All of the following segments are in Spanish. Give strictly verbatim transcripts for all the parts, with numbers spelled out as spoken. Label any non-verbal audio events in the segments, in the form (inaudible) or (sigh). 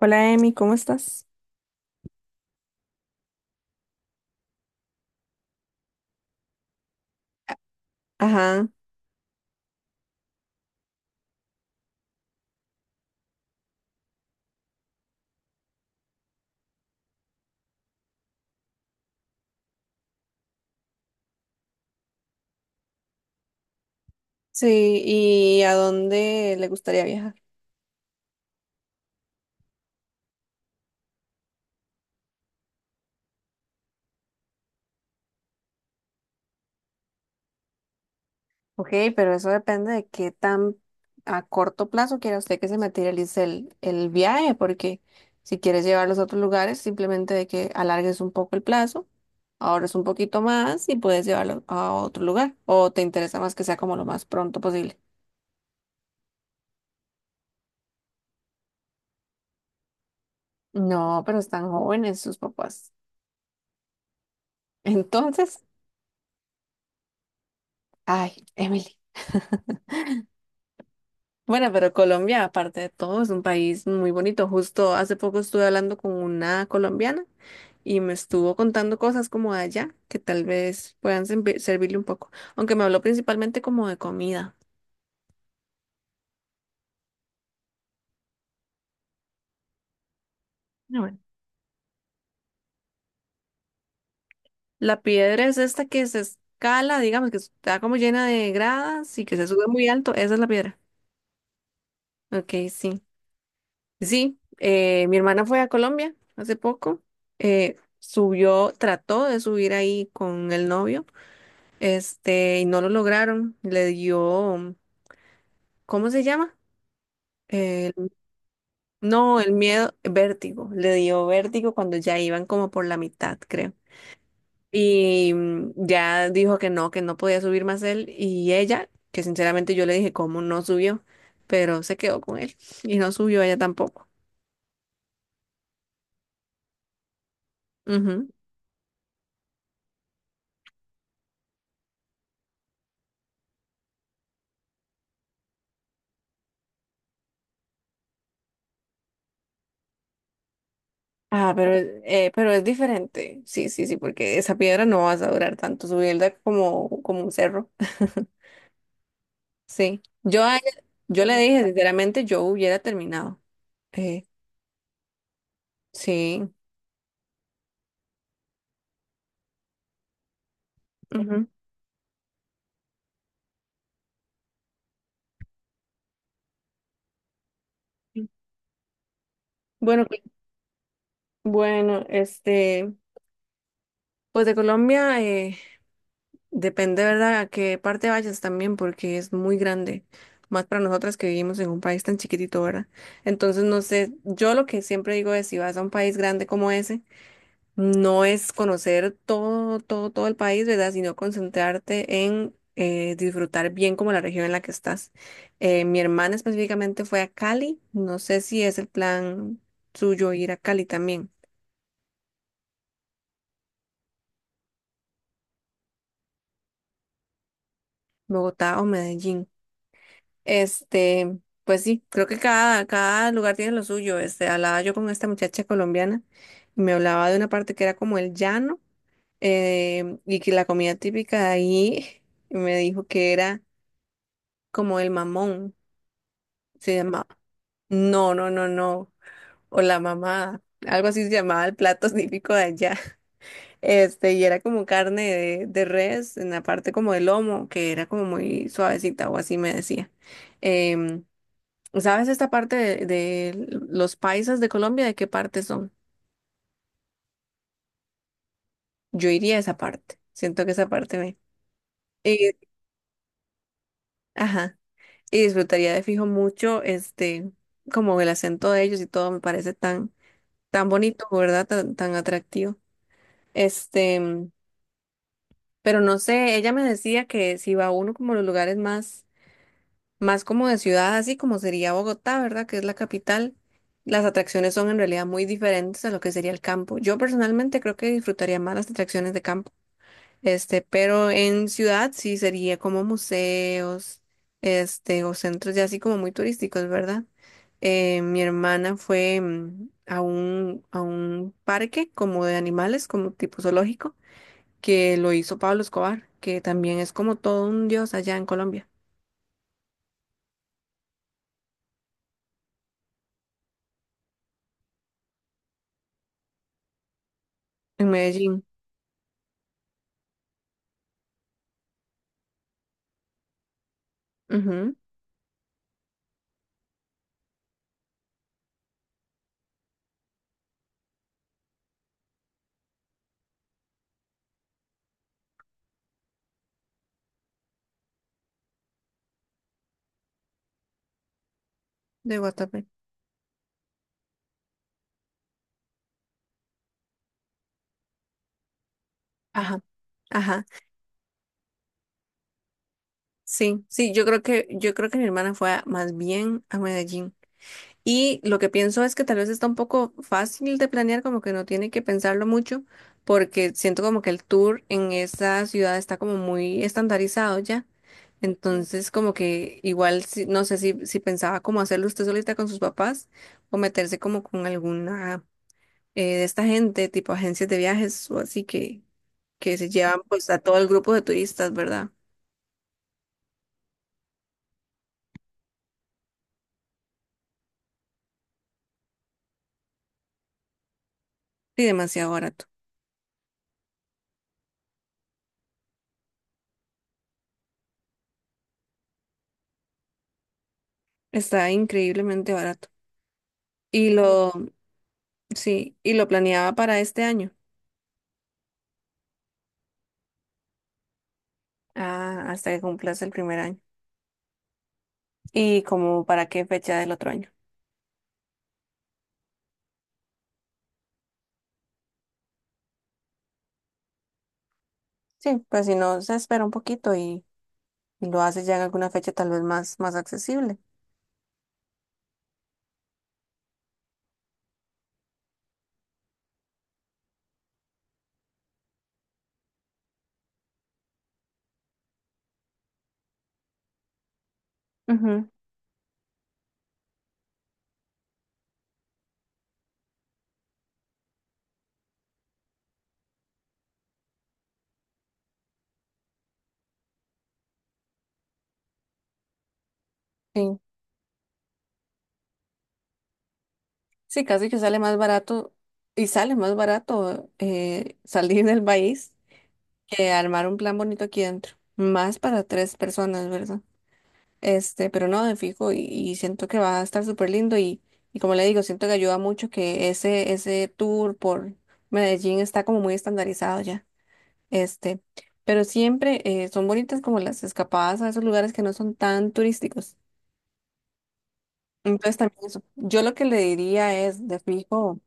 Hola Emi, ¿cómo estás? Ajá, sí, ¿y a dónde le gustaría viajar? Ok, pero eso depende de qué tan a corto plazo quiera usted que se materialice el, el viaje, porque si quieres llevarlos a otros lugares, simplemente de que alargues un poco el plazo, ahorres un poquito más y puedes llevarlo a otro lugar, o te interesa más que sea como lo más pronto posible. No, pero están jóvenes sus papás. (laughs) Entonces, ay, Emily. Bueno, pero Colombia, aparte de todo, es un país muy bonito. Justo hace poco estuve hablando con una colombiana y me estuvo contando cosas como de allá que tal vez puedan servi- servirle un poco, aunque me habló principalmente como de comida. Ah, bueno. La piedra es esta que se escala, digamos, que está como llena de gradas y que se sube muy alto. Esa es la piedra. Ok, sí. Sí, eh, mi hermana fue a Colombia hace poco. Eh, subió, trató de subir ahí con el novio. Este, y no lo lograron. Le dio, ¿cómo se llama? El- no, el miedo, vértigo. Le dio vértigo cuando ya iban como por la mitad, creo. Y mm, ya dijo que no, que no podía subir más él y ella, que sinceramente yo le dije cómo no subió, pero se quedó con él (laughs) y no subió ella tampoco. Ujú. Ah, pero, es- eh, pero es diferente. Sí, sí, sí, porque esa piedra no vas a durar tanto subirla como, como un cerro. Sí, yo a ella- yo le dije, sinceramente, yo hubiera terminado. Eh, sí. Ujú. Bueno, cu- bueno, este, pues de Colombia eh, depende, ¿verdad?, a qué parte vayas también, porque es muy grande, más para nosotras que vivimos en un país tan chiquitito, ¿verdad? Entonces, no sé, yo lo que siempre digo es, si vas a un país grande como ese, no es conocer todo, todo, todo el país, ¿verdad? Sino concentrarte en eh, disfrutar bien como la región en la que estás. Eh, mi hermana específicamente fue a Cali. No sé si es el plan suyo ir a Cali también, Bogotá o Medellín. Este, pues sí, creo que cada, cada lugar tiene lo suyo. Este, hablaba yo con esta muchacha colombiana y me hablaba de una parte que era como el llano eh, y que la comida típica de ahí (laughs) me dijo que era como el mamón. Se llama, no, no, no, no, o la mamá, algo así se llamaba el plato (laughs) típico de allá. (laughs) Este, y era como carne de, de res, en la parte como del lomo, que era como muy suavecita, o así me decía. Em, ¿sabes esta parte de, de los paisas de Colombia? ¿De qué parte son? Yo iría a esa parte, siento que esa parte me... Y, ajá, y disfrutaría de fijo mucho, este, como el acento de ellos y todo me parece tan, tan bonito, ¿verdad? Tan, tan atractivo. Este, mm, pero no sé, ella me decía que si va uno como a los lugares más, más como de ciudad, así como sería Bogotá, ¿verdad? Que es la capital, las atracciones son en realidad muy diferentes a lo que sería el campo. Yo personalmente creo que disfrutaría más las atracciones de campo, este, pero en ciudad sí sería como museos, este, o centros ya así como muy turísticos, ¿verdad? Eh, mi hermana fue mm, a un, a un parque como de animales, como tipo zoológico que lo hizo Pablo Escobar, que también es como todo un dios allá en Colombia, en Medellín. Ujú, de Guatapé. Ajá, ajá. Sí, sí, yo creo que, yo creo que mi hermana fue a- más bien a Medellín. Y lo que pienso es que tal vez está un poco fácil de planear, como que no tiene que pensarlo mucho, porque siento como que el tour en esa ciudad está como muy estandarizado ya. Entonces, como que igual, si- no sé si, si pensaba como hacerlo usted solita con sus papás o meterse como con alguna eh, de esta gente, tipo agencias de viajes o así que, que se llevan. Sí, pues a todo el grupo de turistas, ¿verdad? Y demasiado barato. Está increíblemente barato. Y lo, sí, y lo planeaba para este año. Ah, hasta que cumplas el primer año. ¿Y como para qué fecha del otro año? Sí, pues si no, se espera un poquito y, y lo haces ya en alguna fecha tal vez más, más accesible. Ujú, sí. Sí, casi que sale más barato y sale más barato eh, salir del país que armar un plan bonito aquí dentro, más para tres personas, ¿verdad? Este, pero no, de fijo, y, y siento que va a estar súper lindo y, y como le digo, siento que ayuda mucho que ese, ese tour por Medellín está como muy estandarizado ya, este, pero siempre eh, son bonitas como las escapadas a esos lugares que no son tan turísticos. Entonces también eso, yo lo que le diría es, de fijo.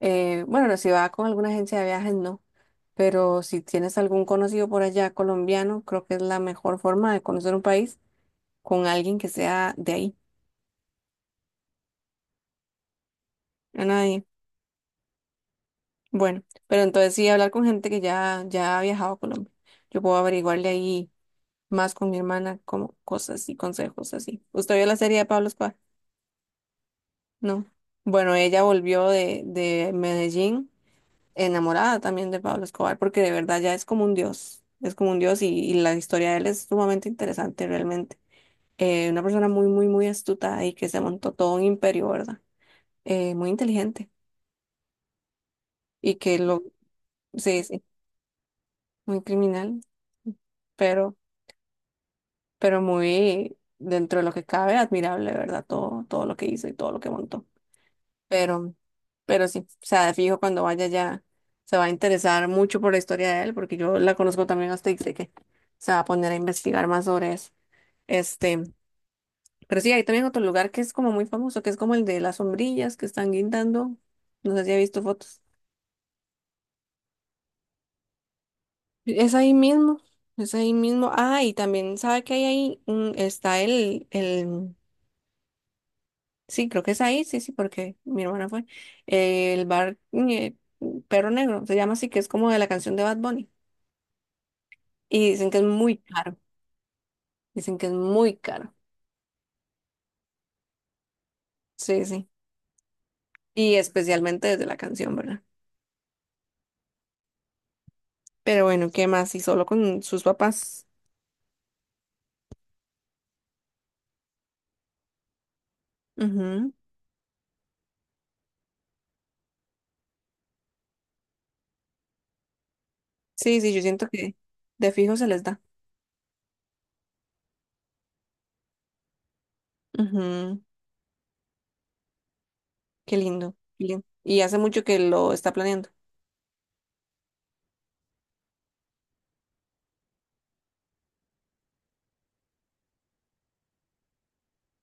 Eh, bueno, no, si va con alguna agencia de viajes, no. Pero si tienes algún conocido por allá colombiano, creo que es la mejor forma de conocer un país con alguien que sea de ahí, a nadie. Bueno, pero entonces sí hablar con gente que ya, ya ha viajado a Colombia. Yo puedo averiguarle ahí más con mi hermana, como cosas y consejos así. ¿Usted vio la serie de Pablo Escobar? No. Bueno, ella volvió de, de Medellín enamorada también de Pablo Escobar, porque de verdad ya es como un dios, es como un dios y, y la historia de él es sumamente interesante realmente. Eh, una persona muy, muy, muy astuta y que se montó todo un imperio, ¿verdad? Eh, muy inteligente y que lo, sí, sí, muy criminal, pero, pero muy dentro de lo que cabe, admirable, ¿verdad? Todo, todo lo que hizo y todo lo que montó. pero, pero sí, o sea, de fijo cuando vaya ya se va a interesar mucho por la historia de él, porque yo la conozco también hasta y sé que se va a poner a investigar más sobre eso. Este, pero sí, hay también otro lugar que es como muy famoso, que es como el de las sombrillas que están guindando. No sé si ha visto fotos. Es ahí mismo, es ahí mismo. Ah, y también sabe que hay ahí, Mm, está el, el, sí, creo que es ahí, sí, sí, porque mi hermana fue. Eh, el bar eh, Perro Negro, se llama así, que es como de la canción de Bad Bunny. Y dicen que es muy caro, dicen que es muy caro. Sí, sí. Y especialmente desde la canción, ¿verdad? Pero bueno, ¿qué más? Y solo con sus papás. Ujú. Sí, sí, yo siento que de fijo se les da. Ujú. Qué lindo, qué lindo. Y hace mucho que lo está planeando.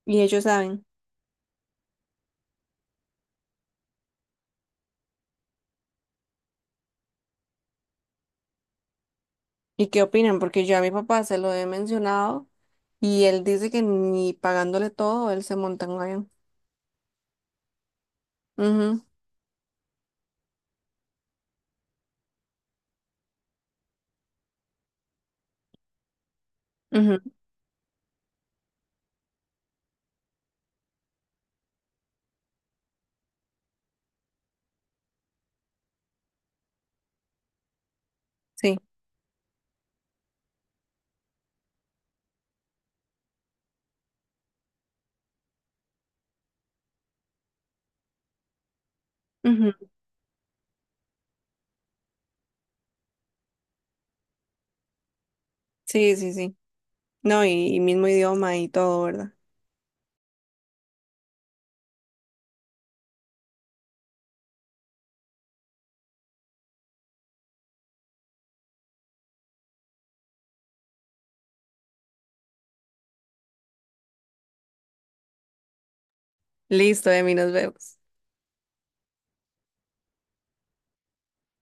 Y ellos saben. ¿Y qué opinan? Porque yo a mi papá se lo he mencionado y él dice que ni pagándole todo, él se monta en un avión. Ujú, ujú, sí, ujú, sí, sí, sí. No, y, y mismo idioma y todo, ¿verdad? Listo, Emi, nos vemos.